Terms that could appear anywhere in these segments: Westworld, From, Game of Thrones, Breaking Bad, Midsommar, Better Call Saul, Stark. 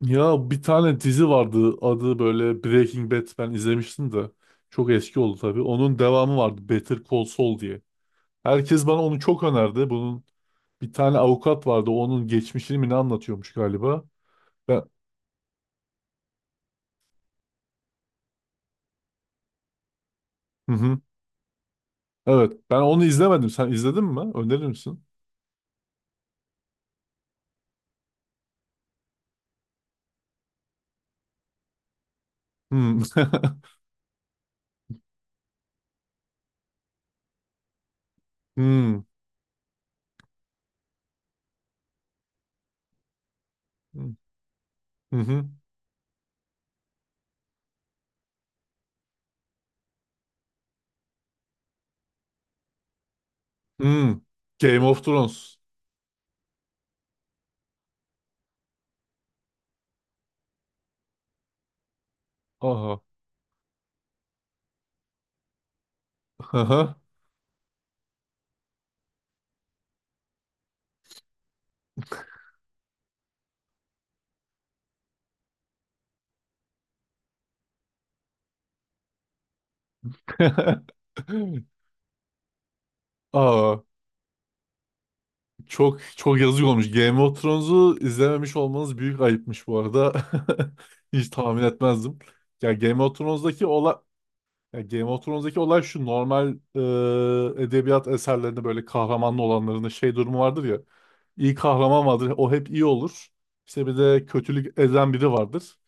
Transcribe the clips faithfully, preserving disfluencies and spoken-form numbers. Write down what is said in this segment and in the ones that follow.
Ya bir tane dizi vardı adı böyle Breaking Bad ben izlemiştim de çok eski oldu tabii. Onun devamı vardı Better Call Saul diye. Herkes bana onu çok önerdi. Bunun bir tane avukat vardı onun geçmişini mi ne anlatıyormuş galiba. Ben, hı hı. Evet ben onu izlemedim. Sen izledin mi? Önerir misin? Hmm. Hmm. Hı hı. Hmm. Game of Thrones. Aha. Aha. Aa. Çok çok yazık olmuş. Game of Thrones'u izlememiş olmanız büyük ayıpmış bu arada. Hiç tahmin etmezdim. Ya Game of Thrones'daki olay ya Game of Thrones'daki olay şu normal e, edebiyat eserlerinde böyle kahramanlı olanların şey durumu vardır ya. İyi kahraman vardır. O hep iyi olur. İşte bir de kötülük eden biri vardır.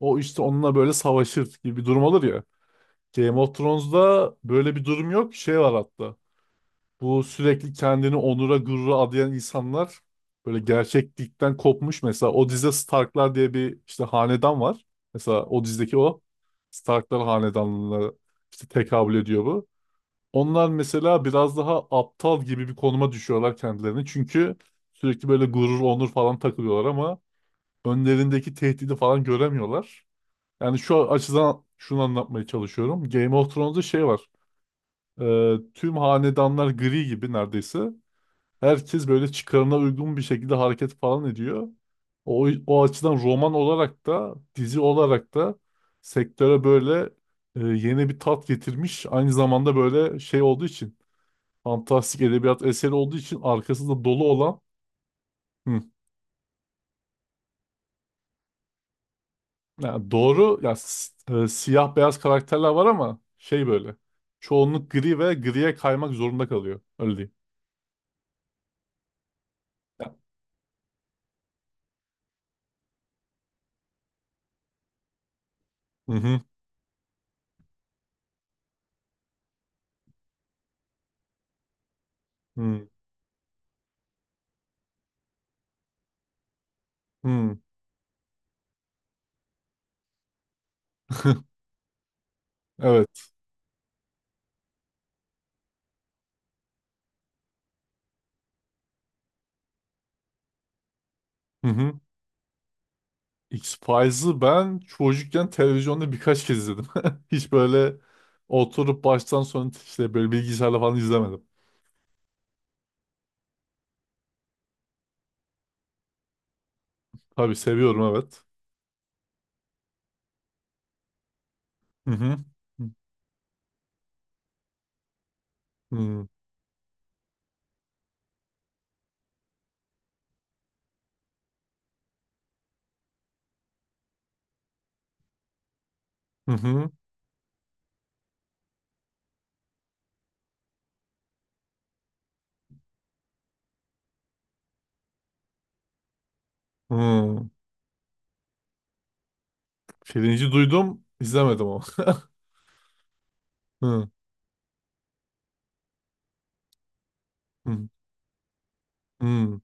O işte onunla böyle savaşır gibi bir durum olur ya. Game of Thrones'da böyle bir durum yok. Şey var hatta. Bu sürekli kendini onura gurura adayan insanlar böyle gerçeklikten kopmuş. Mesela o dizide Starklar diye bir işte hanedan var. Mesela o dizideki o Starklar hanedanlığına işte tekabül ediyor bu. Onlar mesela biraz daha aptal gibi bir konuma düşüyorlar kendilerini. Çünkü sürekli böyle gurur, onur falan takılıyorlar ama önlerindeki tehdidi falan göremiyorlar. Yani şu açıdan şunu anlatmaya çalışıyorum. Game of Thrones'da şey var. Ee, tüm hanedanlar gri gibi neredeyse. Herkes böyle çıkarına uygun bir şekilde hareket falan ediyor. O, o açıdan roman olarak da dizi olarak da sektöre böyle e, yeni bir tat getirmiş. Aynı zamanda böyle şey olduğu için fantastik edebiyat eseri olduğu için arkasında dolu olan hı, yani doğru ya s- e, siyah beyaz karakterler var ama şey böyle çoğunluk gri ve griye kaymak zorunda kalıyor. Öyle diyeyim. Ya. Hı hı. Hı hı. Evet. Hı hı. X-Files'ı ben çocukken televizyonda birkaç kez izledim. Hiç böyle oturup baştan sona işte böyle bilgisayarla falan izlemedim. Tabii seviyorum evet. Hı hı. Hı hı. Hı. Hı. Pirinci duydum, izlemedim ama. Hı hı. Hı.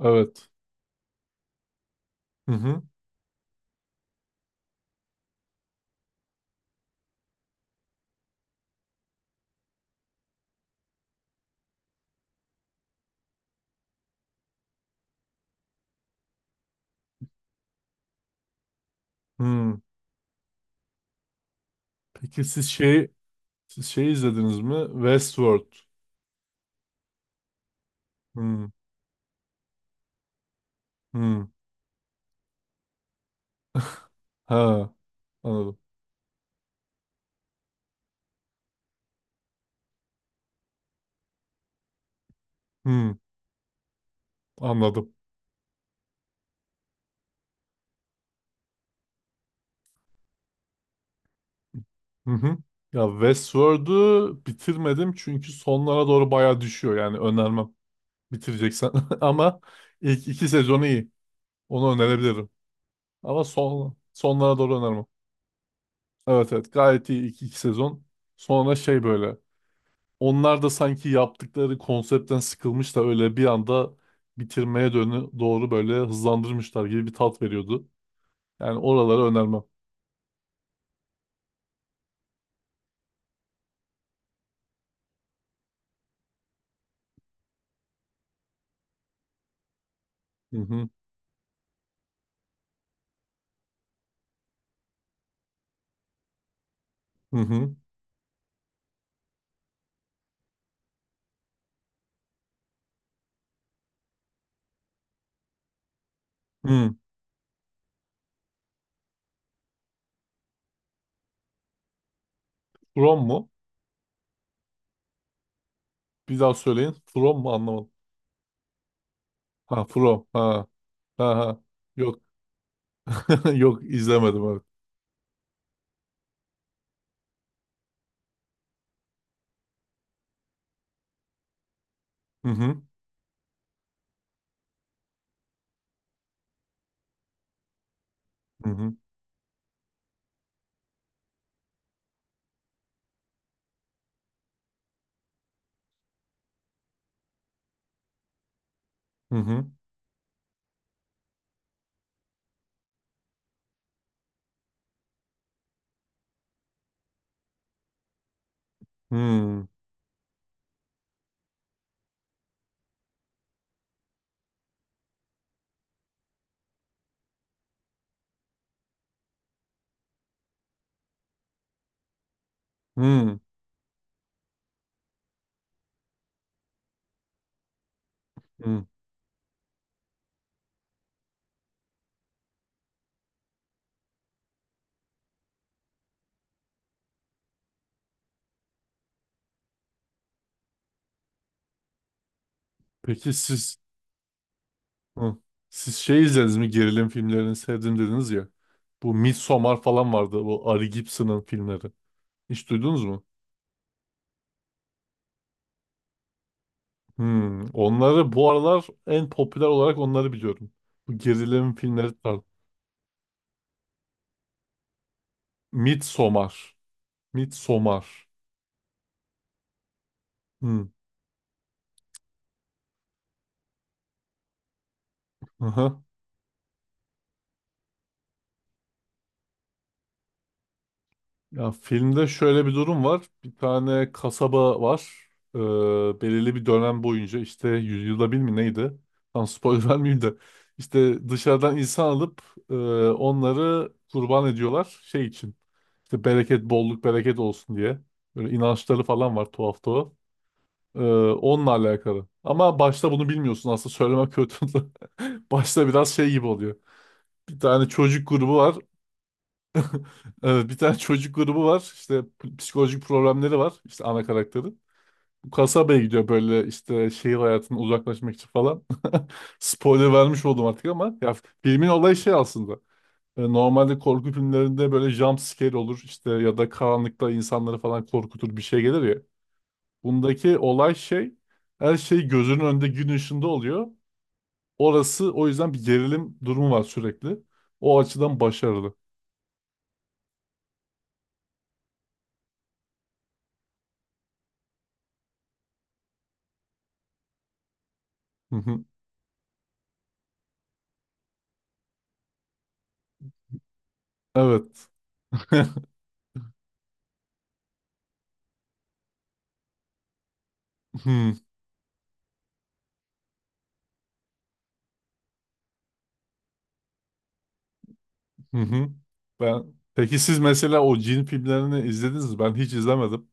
Evet. Hı hı. Hı. Peki siz şey siz şey izlediniz mi? Westworld. Hı hı. Ha, anladım. Hı, anladım. Hı hı. Ya Westworld'u bitirmedim çünkü sonlara doğru bayağı düşüyor yani önermem bitireceksen ama ilk iki sezonu iyi onu önerebilirim ama son sonlara doğru önermem. Evet evet gayet iyi ilk iki sezon sonra şey böyle onlar da sanki yaptıkları konseptten sıkılmış da öyle bir anda bitirmeye dönü doğru böyle hızlandırmışlar gibi bir tat veriyordu. Yani oraları önermem. Hı hı hı hı. Hı. From mu? Bir daha söyleyin. From mu anlamadım. Ha From. Ha. Ha ha. Yok. Yok izlemedim evet. Hı hı. Hı hı. Hı hı. Hı hı. Hı. Peki siz Hı. Siz şey izlediniz mi? Gerilim filmlerini sevdim dediniz ya. Bu Midsommar falan vardı. Bu Ari Gibson'ın filmleri. Hiç duydunuz mu? Hı. Onları bu aralar en popüler olarak onları biliyorum. Bu gerilim filmleri tarzı. Midsommar. Midsommar. Hı. Ya filmde şöyle bir durum var. Bir tane kasaba var. Ee, belirli bir dönem boyunca işte yüzyılda bir mi neydi? Tam spoiler vermeyeyim de. İşte dışarıdan insan alıp e, onları kurban ediyorlar şey için. İşte bereket, bolluk, bereket olsun diye. Böyle inançları falan var tuhaf tuhaf. Ee, Onunla alakalı. Ama başta bunu bilmiyorsun aslında söylemek kötü. Başta biraz şey gibi oluyor. Bir tane çocuk grubu var. Evet, bir tane çocuk grubu var. İşte p- psikolojik problemleri var. İşte ana karakteri. Bu kasabaya gidiyor böyle işte şehir hayatından uzaklaşmak için falan. Spoiler vermiş oldum artık ama ya filmin olayı şey aslında. E, Normalde korku filmlerinde böyle jump scare olur işte ya da karanlıkta insanları falan korkutur bir şey gelir ya. Bundaki olay şey her şey gözünün önünde gün ışığında oluyor. Orası o yüzden bir gerilim durumu var sürekli. O açıdan başarılı. Hı hı. Evet. Hmm. Hı hı. Ben peki siz mesela o cin filmlerini izlediniz mi? Ben hiç izlemedim.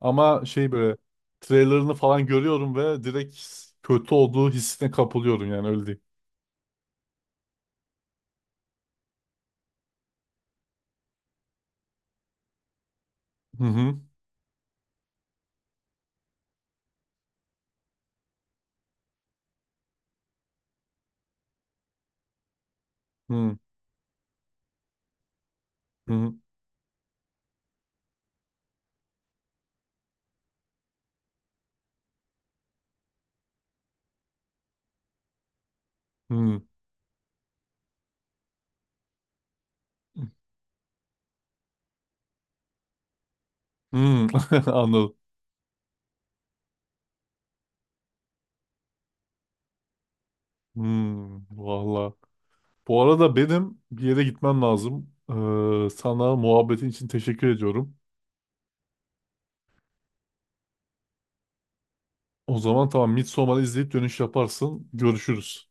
Ama şey böyle trailerını falan görüyorum ve direkt kötü olduğu hissine kapılıyorum yani öyle diyeyim. Hı hı. Hı hı. Hı. Hı. Anladım. Hı. Valla. Bu arada benim bir yere gitmem lazım. Ee, sana muhabbetin için teşekkür ediyorum. O zaman tamam Midsommar'ı izleyip dönüş yaparsın. Görüşürüz.